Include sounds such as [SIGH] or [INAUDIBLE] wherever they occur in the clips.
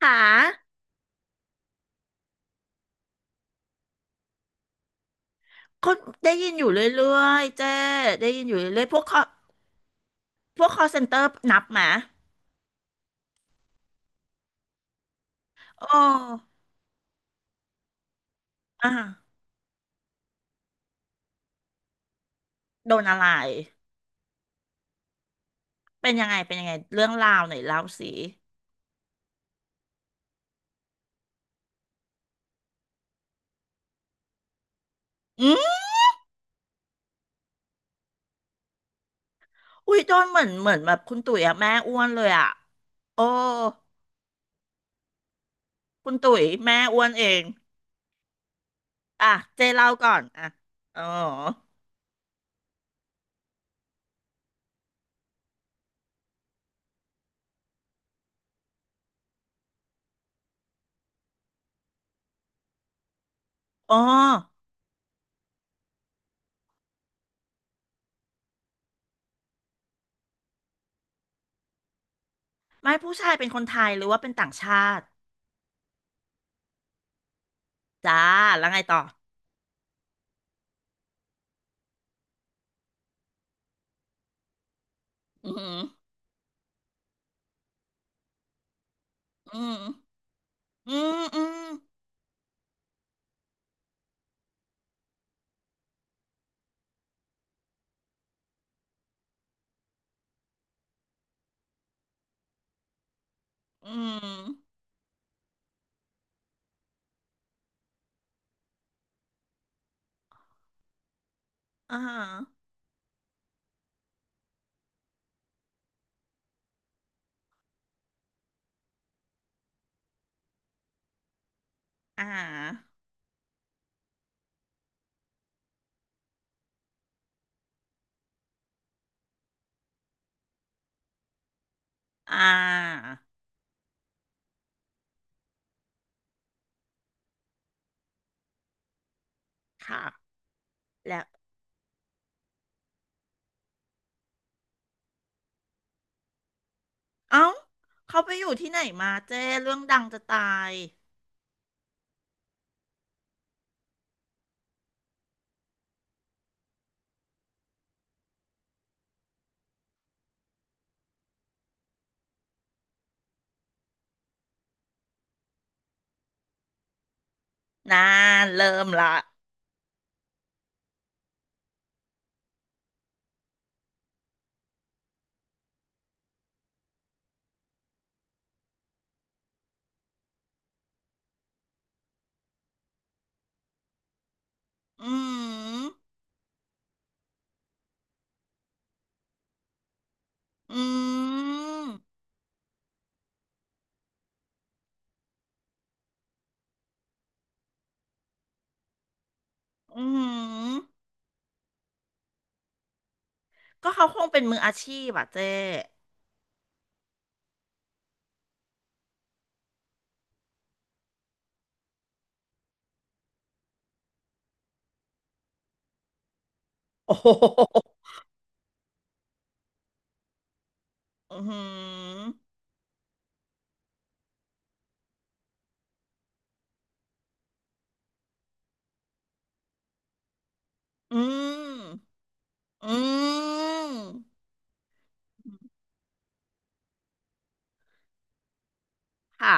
ค่ะคนได้ยินอยู่เรื่อยๆเจ้ได้ยินอยู่เรื่อยๆพวกคอพวกคอเซ็นเตอร์นับไหมาโอ้อ่ะโดนอะไรเป็นยังไงเป็นยังไงเรื่องราวหน่อยเล่าสิอืมอุ้ยโดนเหมือนแบบคุณตุ๋ยอะแม่อ้วนเลยอะโอ้คุณตุ๋ยแม่อ้วนเองอ่ะเจ๊เล่าก่อนอ่ะอ๋ออ๋อไม่ผู้ชายเป็นคนไทยหรือว่าเป็นต่างชาติจ้าแล้วไงต่ออืมอหืออืมอืมอืมอืม อ่าอ่าอ่าค่ะแล้วเอ้าเขาไปอยู่ที่ไหนมาเจ้เรื่องดังจะตายนานเริ่มละอืมอืมอืมก็เขาคงเป็นมืออาชีพอ่ะเจ้โอ้ [LAUGHS] โหอืมอืมอืมค่ะ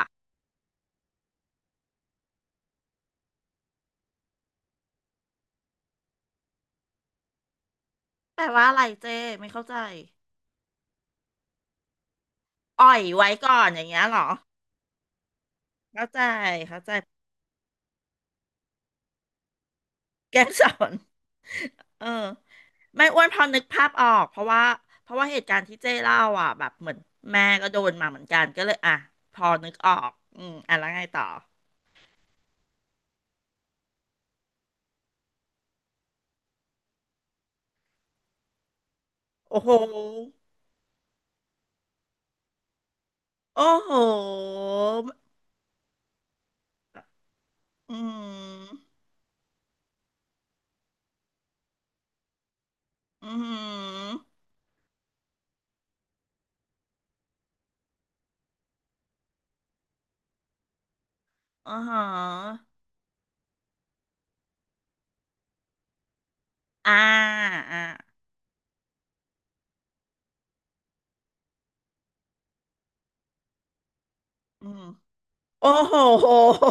แปลว่าอะไรเจ้ไม่เข้าใจอ่อยไว้ก่อนอย่างเงี้ยเหรอ เข้าใจเข้าใจแกสอน เออไม่อ้วนพอนึกภาพออกเพราะว่าเหตุการณ์ที่เจ้เล่าอ่ะแบบเหมือนแม่ก็โดนมาเหมือนกันก็เลยอ่ะพอนึกออกอืมอ่ะแล้วไงต่อโอ้โหโอ้โหอืมอืมอ๋อฮะอ่าอ่าอืมโอ้โห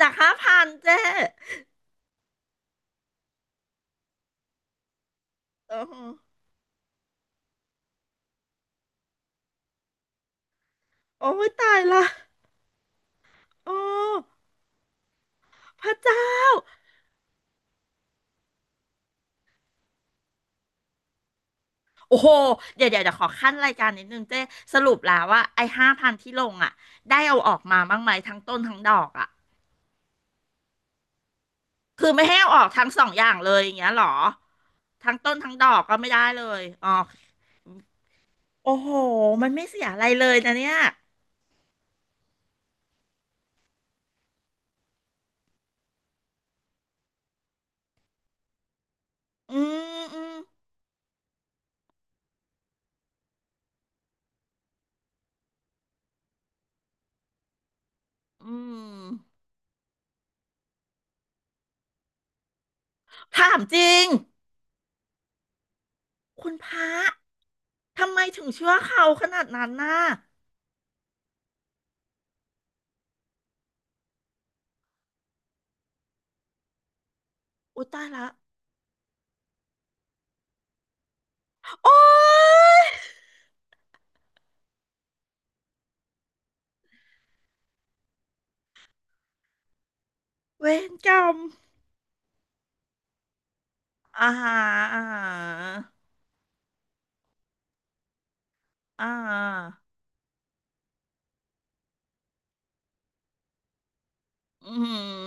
จากห้าพันเจ้โอ้โหโอ้ยตายละโอ้พระเจ้า โอ้โห เดี๋ยวเดี๋ยวจะขอขั้นรายการนิดนึงเจ๊สรุปแล้วว่าไอ้ห้าพันที่ลงอ่ะได้เอาออกมาบ้างไหมทั้งต้นทั้งดอกอ่ะคือไม่ให้เอาออกทั้งสองอย่างเลยอย่างเงี้ยหรอทั้งต้นทั้งดอกก็ไม่ได้เลยอ๋อโอ้โหมันไม่เสียอะไรเลยนะเนี่ยอืมอืมอืมถามจริงคุณพระทำไมถึงเชื่อเขาขนาดนั้นน่ะอุ้ยตายละโอ๊ยเวรกรรมอ่าฮะอ่าฮะอ่าฮะ อืม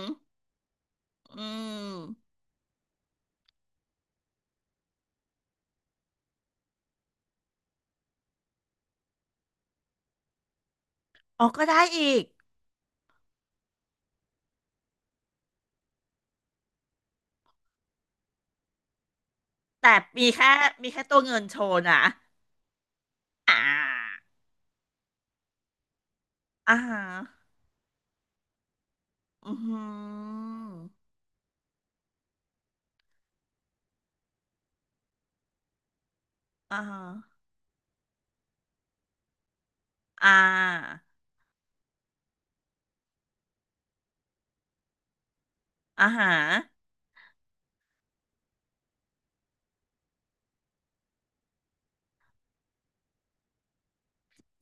อืมอ๋อก็ได้อีก แต่มีแค่มีแค่ตัวเงินโชว์นะอ่าอ่าฮะอือหืออ่าฮะอ่าอ่าฮะ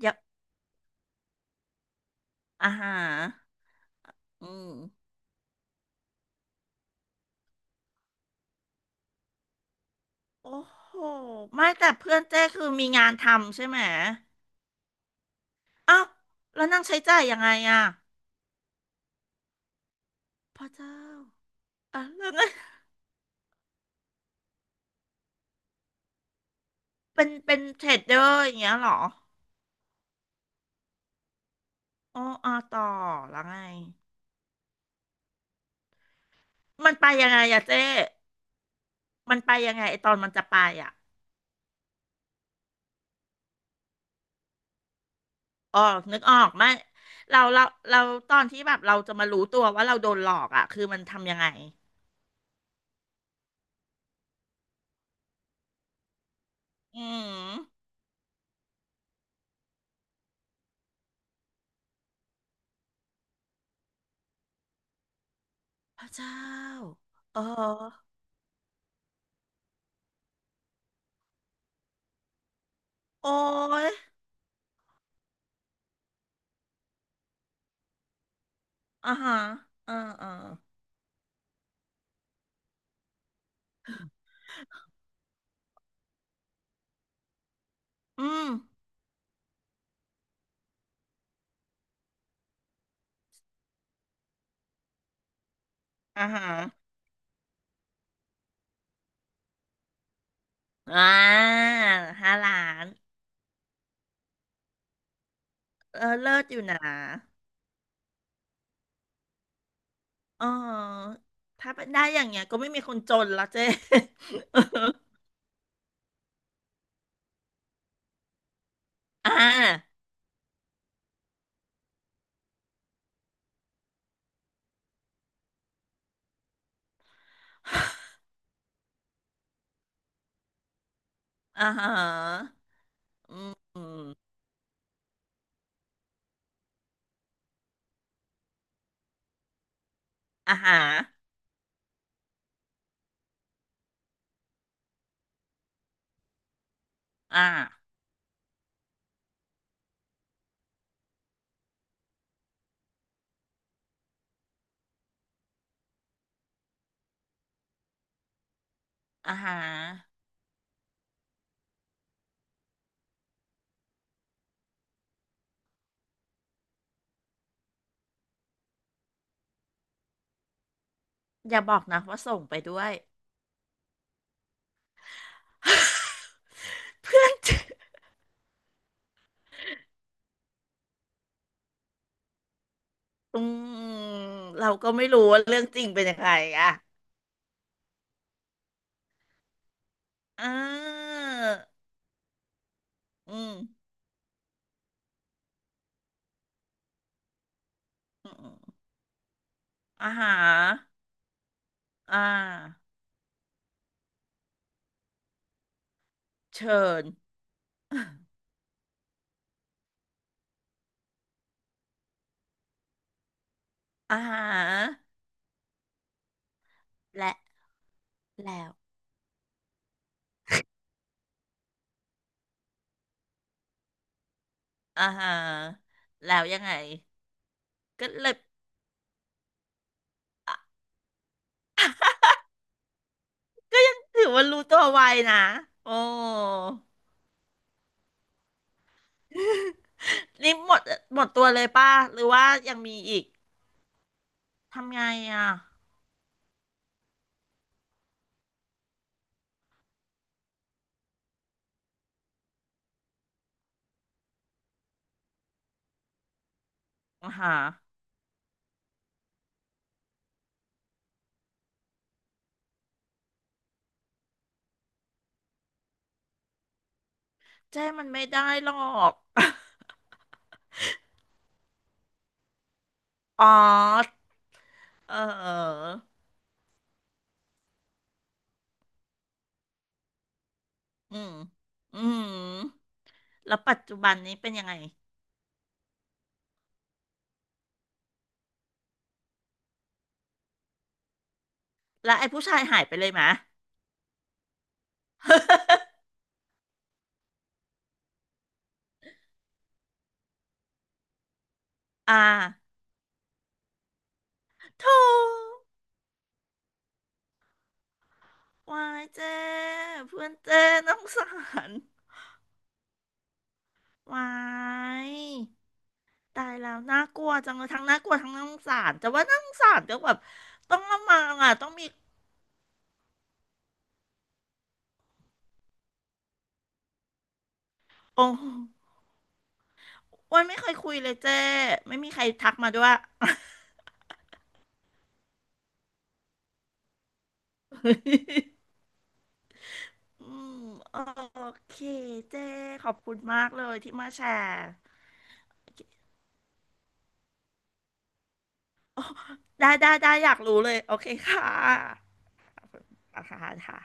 ยับอ่าฮะอืมโอ้โหไม่แต่เพื่อนเจ้คือมีงานทำใช่ไหมเอ้าวแล้วนั่งใช้จ่ายยังไงอ่ะพระเจ้าอ่ะแล้วไงเป็นเป็นเทรดเดอร์อย่างเงี้ยเหรออ๋ออ่าต่อแล้วไง มันไปยังไงอะเจ้ มันไปยังไงไอตอนมันจะไปอ่ะอ๋อนึกออกไหมเราเราเราตอนที่แบบเราจะมารู้ตัวว่าเราโดนหลอกอ่ะคือมันทำยังไงอืมพระเจ้าเออโอ้ยอ่าฮะอ่าอ่าอืมอ่าฮะอ่าห้าล้านเออเลิศอยู่นะอ๋อถ้าเป็นได้อย่างเงี้ยก็ไม่มีคนจนแลวเจ๊ [LAUGHS] อ่าอ่าฮะอืมอ่าฮะอ่า อ่าฮะอย่าบอกนะว่าส่งไปด้วย [LAUGHS] เพื่อน [LAUGHS] อืมเราก็ไม่รู้ว่าเรื่องจริงเป็นยังไงอ่ะอ่าอืมอืมอาหารอ่าเชิญ [LAUGHS] อาหารและแล้วอาหารแล้วยังไงก็เลยถือว่ารู้ตัวไวนะโอ้นี่หมดหมดตัวเลยป่ะหรือว่ายังมีอีกทำไงอ่ะอาหาร เจ้มันไม่ได้หรอก [LAUGHS] อ๋อเอออืมอืมแล้วปัจจุบันนี้เป็นยังไงแล้วไอ้ผู้ชายหายไปเลยไหม [LAUGHS] อ่าโธ่วายเจ้เพื่อนเจ้น้องสารวายตายแล้วน่ากลัวจังเลยทั้งน่ากลัวทั้งน่าสงสารแต่ว่าน่าสงสารก็แบบต้องละมังอ่ะต้องมีโอ้โหนไม่เคยคุยเลยเจ้ไม่มีใครทักมาด้วย [LAUGHS] อืมโอเคเจ้ขอบคุณมากเลยที่มาแชร์ได้ได้ได้อยากรู้เลยโอเคค่ะอ่ะค่ะค่ะ